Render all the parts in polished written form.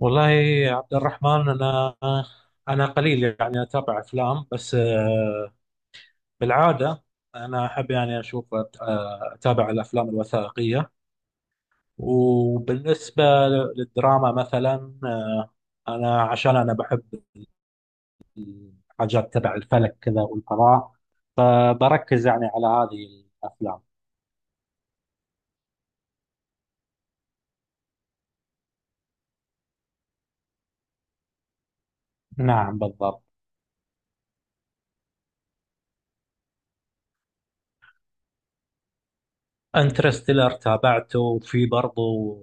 والله يا عبد الرحمن، أنا قليل يعني أتابع أفلام، بس بالعادة أنا أحب يعني أشوف، أتابع الأفلام الوثائقية. وبالنسبة للدراما مثلا، أنا عشان أنا بحب الحاجات تبع الفلك كذا والفضاء، فبركز يعني على هذه الأفلام. نعم بالضبط. انترستيلر تابعته، وفي برضه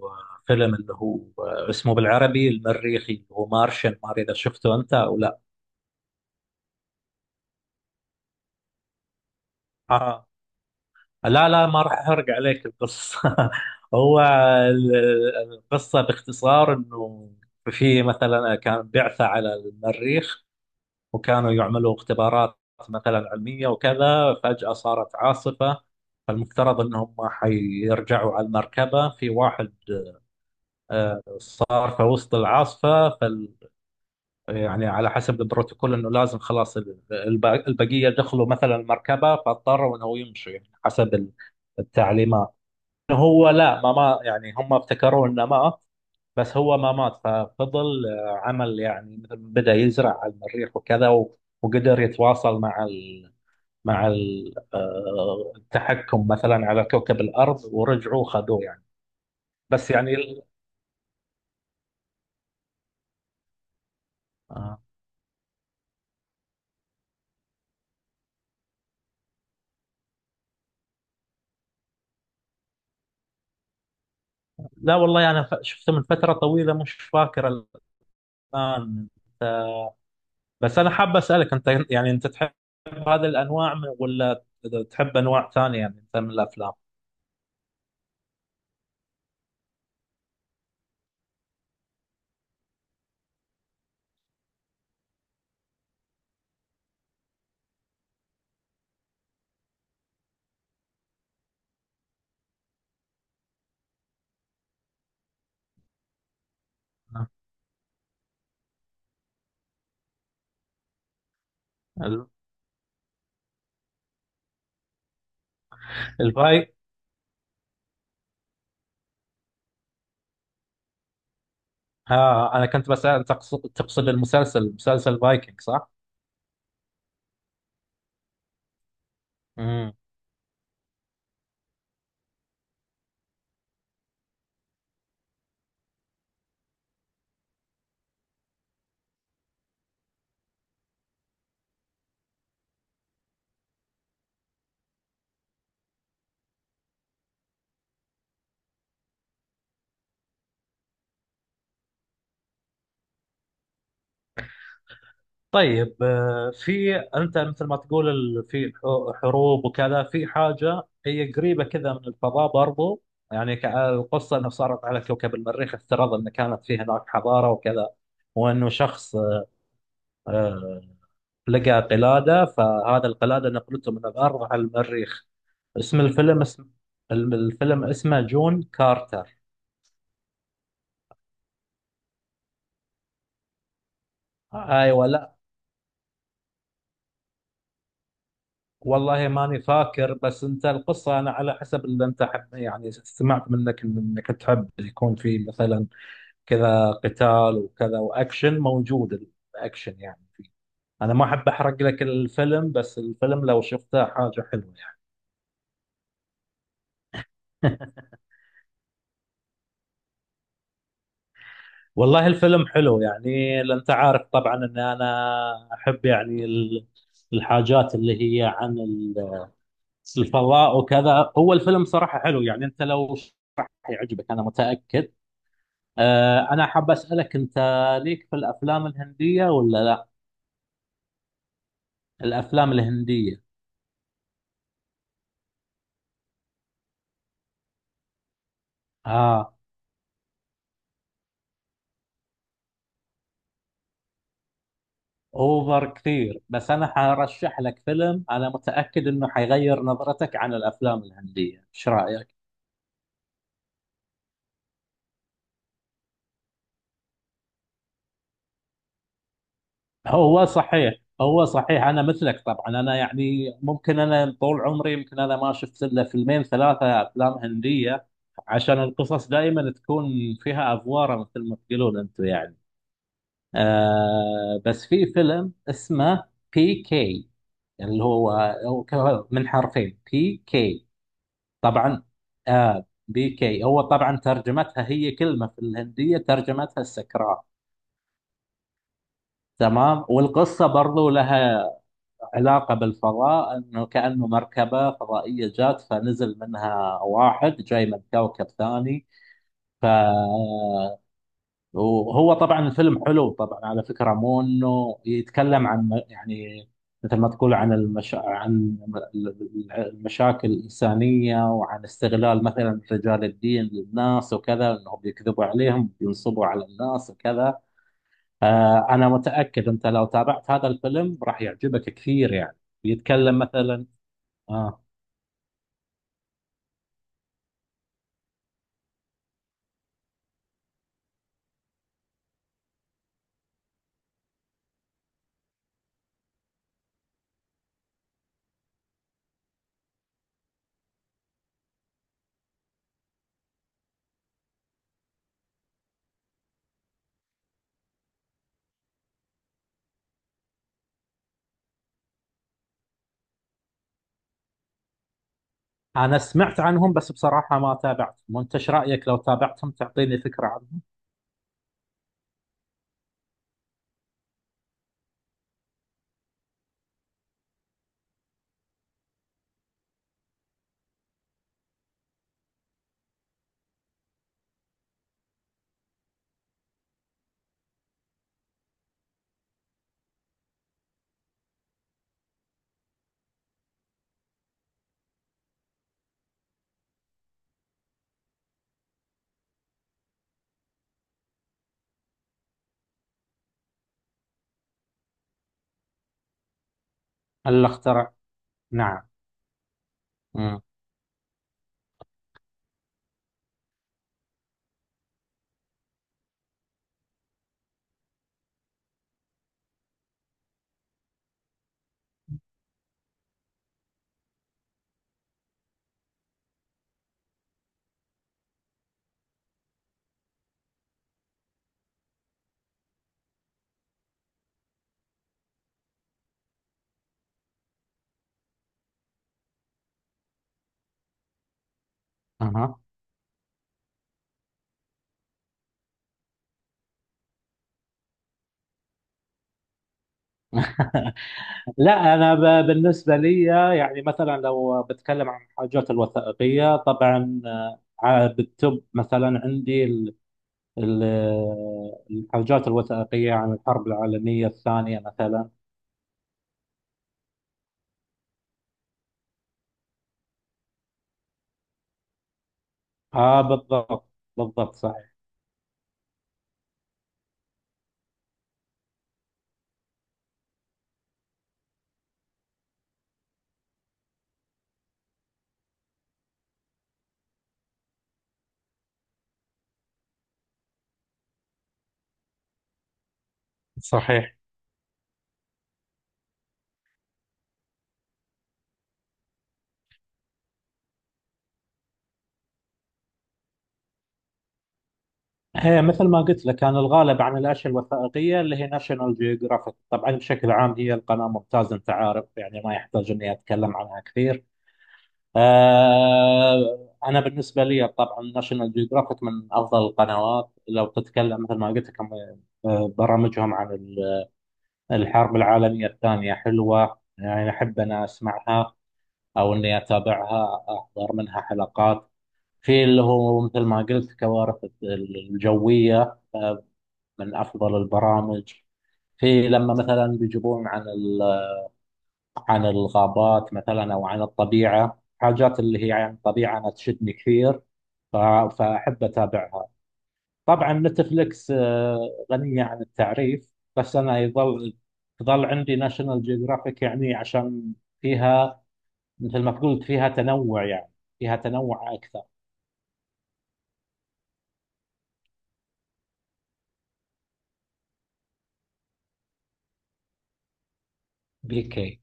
فيلم اللي هو اسمه بالعربي المريخي اللي هو مارشن، ما ادري اذا شفته انت او لا. آه. لا لا، ما راح احرق عليك القصه. هو ال- القصه باختصار انه في مثلا كان بعثه على المريخ، وكانوا يعملوا اختبارات مثلا علميه وكذا، فجاه صارت عاصفه، فالمفترض انهم حيرجعوا على المركبه، في واحد صار في وسط العاصفة. فال يعني على حسب البروتوكول انه لازم خلاص البقية دخلوا مثلا المركبة، فاضطروا انه هو يمشوا يعني حسب التعليمات. إنه هو لا، ما مات، يعني هم ابتكروا انه مات، بس هو ما مات، ففضل عمل يعني مثل، بدأ يزرع على المريخ وكذا، وقدر يتواصل مع ال، مع التحكم مثلا على كوكب الأرض، ورجعوا خذوه يعني. بس يعني لا والله، شفته من فتره طويله، مش فاكر الان. بس انا حاب اسالك انت، يعني انت تحب هذه الانواع ولا تحب انواع ثانيه يعني انت من الافلام ال- الفاي ها، انا كنت بسال، تقصد المسلسل مسلسل فايكنج صح؟ طيب، في انت مثل ما تقول في حروب وكذا، في حاجه هي قريبه كذا من الفضاء برضو. يعني القصه انه صارت على كوكب المريخ، افترض ان كانت فيه هناك حضاره وكذا، وانه شخص آه، لقى قلاده، فهذا القلاده نقلته من الارض على المريخ. اسم الفيلم اسم الم- الفيلم اسمه جون كارتر. ايوه، والله ماني فاكر. بس انت القصه انا على حسب اللي انت حب يعني سمعت منك انك تحب يكون في مثلا كذا قتال وكذا، واكشن موجود، الاكشن يعني فيه. انا ما احب احرق لك الفيلم، بس الفيلم لو شفته حاجه حلوه يعني. والله الفيلم حلو، يعني لأن انت عارف طبعا ان انا احب يعني الحاجات اللي هي عن الفضاء وكذا. هو الفيلم صراحه حلو يعني، انت لو حيعجبك، انا متاكد. أنا حاب أسألك أنت، ليك في الأفلام الهندية ولا لا؟ الأفلام الهندية. آه، أوفر كثير، بس أنا حرشح لك فيلم أنا متأكد إنه حيغير نظرتك عن الأفلام الهندية، إيش رأيك؟ هو صحيح هو صحيح. أنا مثلك طبعا، أنا يعني ممكن، أنا طول عمري يمكن أنا ما شفت إلا فيلمين ثلاثة أفلام هندية، عشان القصص دائما تكون فيها أفوارة مثل ما تقولون أنتم يعني. آه، بس في فيلم اسمه بي كي، اللي هو، هو من حرفين، بي كي. طبعا. آه، بي كي هو طبعا ترجمتها هي كلمة في الهندية، ترجمتها السكران. تمام. والقصة برضو لها علاقة بالفضاء، انه كأنه مركبة فضائية جات، فنزل منها واحد جاي من كوكب ثاني. ف، وهو طبعا الفيلم حلو طبعا، على فكرة مو انه يتكلم عن يعني مثل ما تقول عن عن المشاكل الإنسانية، وعن استغلال مثلا رجال الدين للناس وكذا، انهم بيكذبوا عليهم، بينصبوا على الناس وكذا. آه، انا متأكد انت لو تابعت هذا الفيلم راح يعجبك كثير يعني، بيتكلم مثلا. آه، انا سمعت عنهم بس بصراحة ما تابعتهم، وانت ايش رأيك لو تابعتهم تعطيني فكرة عنهم. الاخترع. نعم. امم. اها. لا، انا بالنسبه لي يعني، مثلا لو بتكلم عن الحاجات الوثائقيه، طبعا بالتوب مثلا عندي ال- الحاجات الوثائقيه عن الحرب العالميه الثانيه مثلا. اه بالضبط. بالضبط صحيح. هي مثل ما قلت لك، كان الغالب عن الاشياء الوثائقيه اللي هي ناشونال جيوغرافيك، طبعا بشكل عام هي القناه ممتازه، انت عارف يعني ما يحتاج اني اتكلم عنها كثير. آه، انا بالنسبه لي طبعا ناشونال جيوغرافيك من افضل القنوات، لو تتكلم مثل ما قلت لك عن برامجهم عن الحرب العالميه الثانيه حلوه يعني، احب انا اسمعها او اني اتابعها، احضر منها حلقات. في اللي هو مثل ما قلت كوارث الجويه، من افضل البرامج. في لما مثلا بيجيبون عن عن الغابات مثلا او عن الطبيعه، حاجات اللي هي عن الطبيعه انا تشدني كثير، ف- فاحب اتابعها. طبعا نتفلكس غنيه عن التعريف، بس انا يظل تظل عندي ناشونال جيوغرافيك، يعني عشان فيها مثل ما قلت، فيها تنوع يعني، فيها تنوع اكثر. بيكي.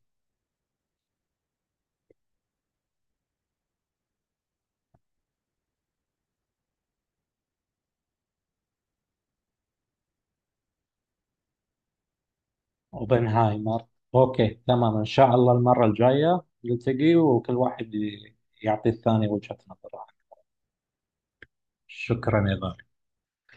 اوبنهايمر. اوكي تمام، ان شاء الله المره الجايه نلتقي، وكل واحد يعطي الثاني وجهه نظره. شكرا يا غالي.